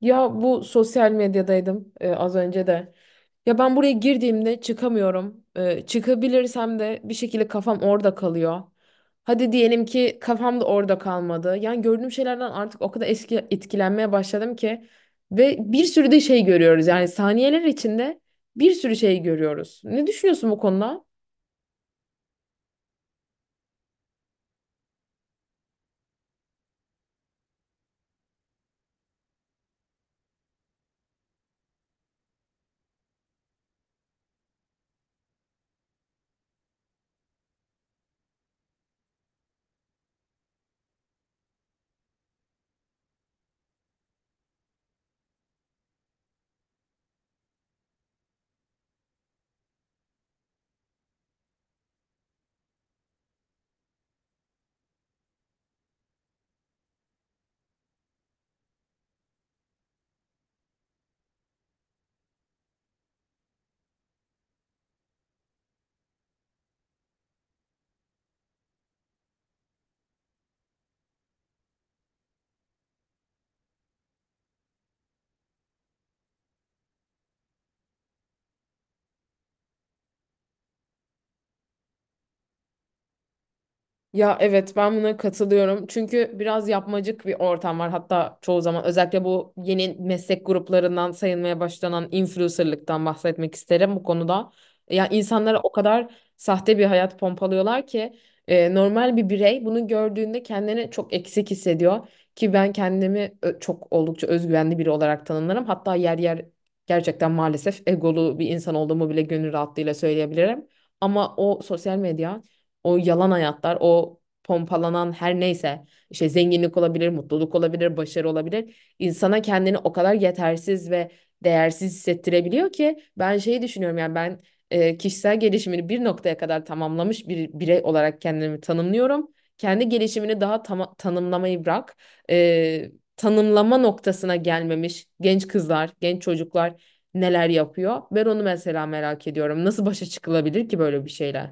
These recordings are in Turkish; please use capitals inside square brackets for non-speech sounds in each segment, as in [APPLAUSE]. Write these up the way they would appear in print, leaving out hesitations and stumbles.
Ya bu sosyal medyadaydım az önce de. Ya ben buraya girdiğimde çıkamıyorum. Çıkabilirsem de bir şekilde kafam orada kalıyor. Hadi diyelim ki kafam da orada kalmadı. Yani gördüğüm şeylerden artık o kadar eski etkilenmeye başladım ki ve bir sürü de şey görüyoruz. Yani saniyeler içinde bir sürü şey görüyoruz. Ne düşünüyorsun bu konuda? Ya evet, ben buna katılıyorum. Çünkü biraz yapmacık bir ortam var. Hatta çoğu zaman özellikle bu yeni meslek gruplarından sayılmaya başlanan influencerlıktan bahsetmek isterim bu konuda. Ya insanlara o kadar sahte bir hayat pompalıyorlar ki normal bir birey bunu gördüğünde kendini çok eksik hissediyor ki ben kendimi çok oldukça özgüvenli biri olarak tanımlarım. Hatta yer yer gerçekten maalesef egolu bir insan olduğumu bile gönül rahatlığıyla söyleyebilirim. Ama o sosyal medya, o yalan hayatlar, o pompalanan her neyse, işte zenginlik olabilir, mutluluk olabilir, başarı olabilir. İnsana kendini o kadar yetersiz ve değersiz hissettirebiliyor ki ben şeyi düşünüyorum. Yani ben kişisel gelişimini bir noktaya kadar tamamlamış bir birey olarak kendimi tanımlıyorum. Kendi gelişimini daha tanımlamayı bırak. E, Tanımlama noktasına gelmemiş genç kızlar, genç çocuklar neler yapıyor? Ben onu mesela merak ediyorum. Nasıl başa çıkılabilir ki böyle bir şeyler?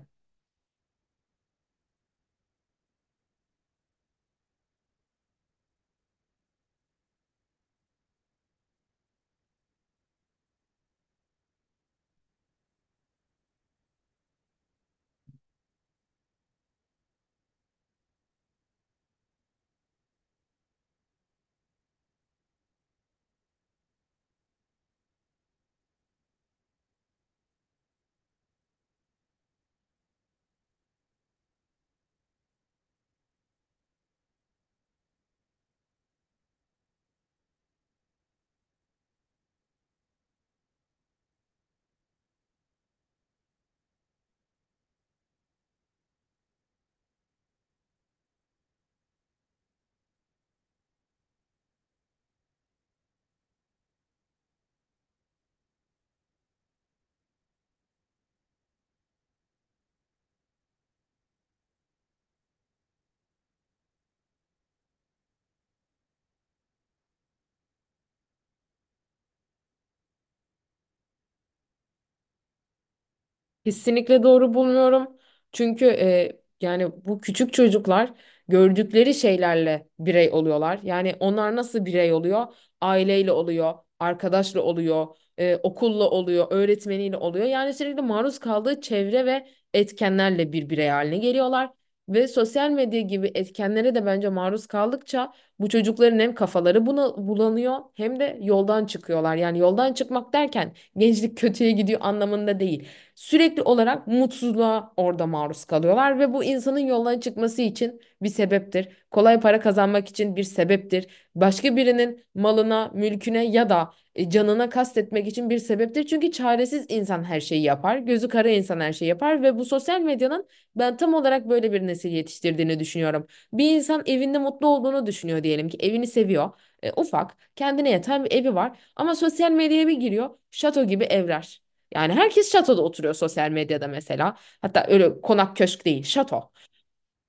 Kesinlikle doğru bulmuyorum. Çünkü yani bu küçük çocuklar gördükleri şeylerle birey oluyorlar. Yani onlar nasıl birey oluyor? Aileyle oluyor, arkadaşla oluyor, okulla oluyor, öğretmeniyle oluyor. Yani sürekli maruz kaldığı çevre ve etkenlerle bir birey haline geliyorlar. Ve sosyal medya gibi etkenlere de bence maruz kaldıkça bu çocukların hem kafaları buna bulanıyor hem de yoldan çıkıyorlar. Yani yoldan çıkmak derken gençlik kötüye gidiyor anlamında değil. Sürekli olarak mutsuzluğa orada maruz kalıyorlar ve bu insanın yoldan çıkması için bir sebeptir. Kolay para kazanmak için bir sebeptir. Başka birinin malına, mülküne ya da canına kastetmek için bir sebeptir. Çünkü çaresiz insan her şeyi yapar. Gözü kara insan her şeyi yapar ve bu sosyal medyanın ben tam olarak böyle bir nesil yetiştirdiğini düşünüyorum. Bir insan evinde mutlu olduğunu düşünüyor, diyelim ki evini seviyor. Ufak, kendine yatan bir evi var ama sosyal medyaya bir giriyor. Şato gibi evler. Yani herkes şatoda oturuyor sosyal medyada mesela. Hatta öyle konak köşk değil, şato.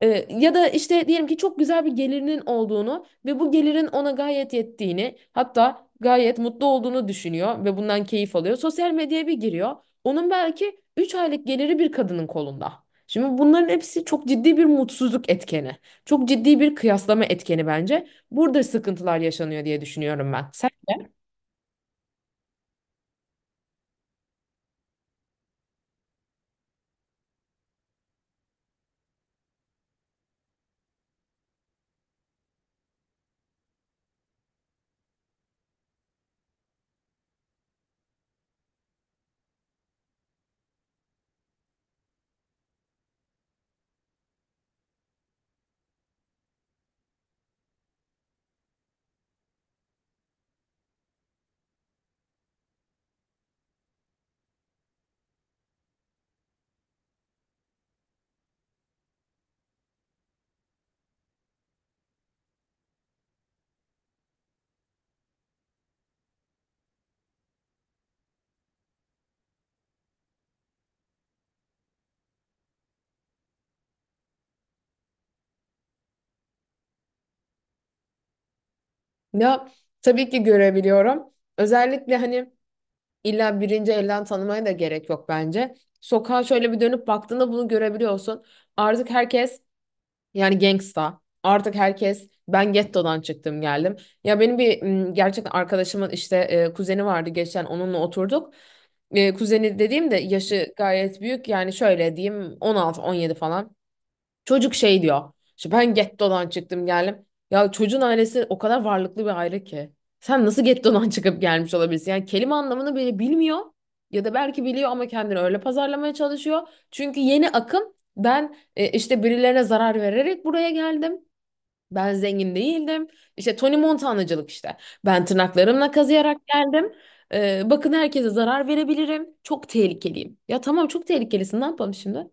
Ya da işte diyelim ki çok güzel bir gelirinin olduğunu ve bu gelirin ona gayet yettiğini, hatta gayet mutlu olduğunu düşünüyor ve bundan keyif alıyor. Sosyal medyaya bir giriyor. Onun belki 3 aylık geliri bir kadının kolunda. Şimdi bunların hepsi çok ciddi bir mutsuzluk etkeni. Çok ciddi bir kıyaslama etkeni bence. Burada sıkıntılar yaşanıyor diye düşünüyorum ben. Sen de? Ya tabii ki görebiliyorum. Özellikle hani İlla birinci elden tanımaya da gerek yok bence. Sokağa şöyle bir dönüp baktığında bunu görebiliyorsun. Artık herkes yani gangsta. Artık herkes ben gettodan çıktım geldim. Ya benim bir gerçekten arkadaşımın işte kuzeni vardı, geçen onunla oturduk. Kuzeni dediğim de yaşı gayet büyük, yani şöyle diyeyim, 16-17 falan. Çocuk şey diyor. İşte ben gettodan çıktım geldim. Ya çocuğun ailesi o kadar varlıklı bir aile ki. Sen nasıl gettodan [LAUGHS] çıkıp gelmiş olabilirsin? Yani kelime anlamını bile bilmiyor. Ya da belki biliyor ama kendini öyle pazarlamaya çalışıyor. Çünkü yeni akım, ben işte birilerine zarar vererek buraya geldim. Ben zengin değildim. İşte Tony Montana'cılık işte. Ben tırnaklarımla kazıyarak geldim. Bakın, herkese zarar verebilirim. Çok tehlikeliyim. Ya tamam, çok tehlikelisin, ne yapalım şimdi?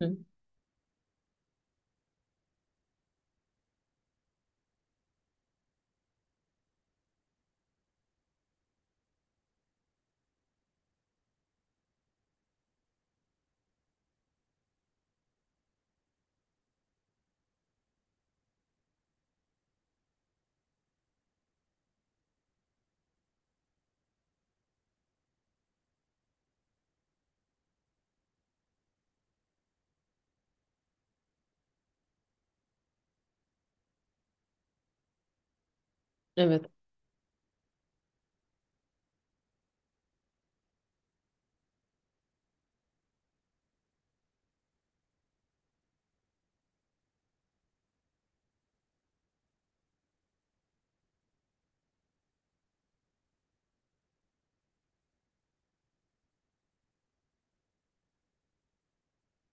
Hı. Evet.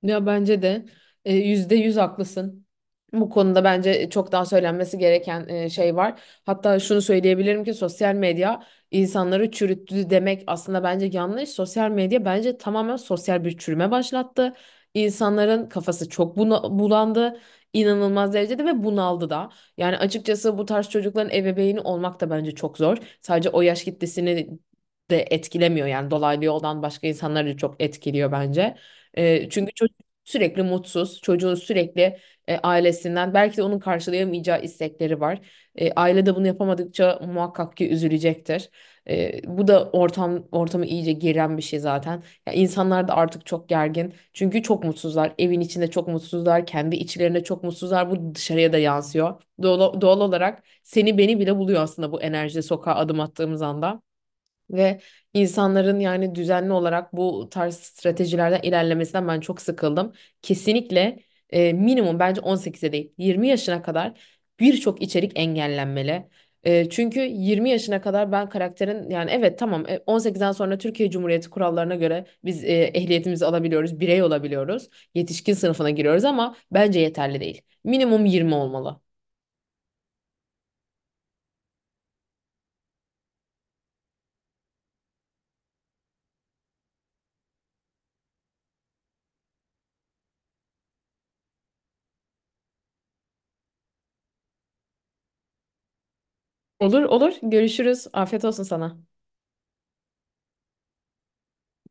Ya bence de %100 haklısın. Bu konuda bence çok daha söylenmesi gereken şey var. Hatta şunu söyleyebilirim ki sosyal medya insanları çürüttü demek aslında bence yanlış. Sosyal medya bence tamamen sosyal bir çürüme başlattı. İnsanların kafası çok buna bulandı. İnanılmaz derecede ve bunaldı da. Yani açıkçası bu tarz çocukların ebeveyni olmak da bence çok zor. Sadece o yaş kitlesini de etkilemiyor, yani dolaylı yoldan başka insanları da çok etkiliyor bence. Çünkü çocuk sürekli mutsuz, çocuğun sürekli ailesinden belki de onun karşılayamayacağı istekleri var. Aile de bunu yapamadıkça muhakkak ki üzülecektir. Bu da ortamı iyice geren bir şey zaten. Ya insanlar da artık çok gergin. Çünkü çok mutsuzlar. Evin içinde çok mutsuzlar, kendi içlerinde çok mutsuzlar. Bu dışarıya da yansıyor. Doğal, doğal olarak seni beni bile buluyor aslında bu enerji sokağa adım attığımız anda. Ve insanların yani düzenli olarak bu tarz stratejilerden ilerlemesinden ben çok sıkıldım. Kesinlikle minimum bence 18'e değil, 20 yaşına kadar birçok içerik engellenmeli. Çünkü 20 yaşına kadar ben karakterin, yani evet tamam, 18'den sonra Türkiye Cumhuriyeti kurallarına göre biz ehliyetimizi alabiliyoruz, birey olabiliyoruz, yetişkin sınıfına giriyoruz, ama bence yeterli değil. Minimum 20 olmalı. Olur olur, görüşürüz. Afiyet olsun sana.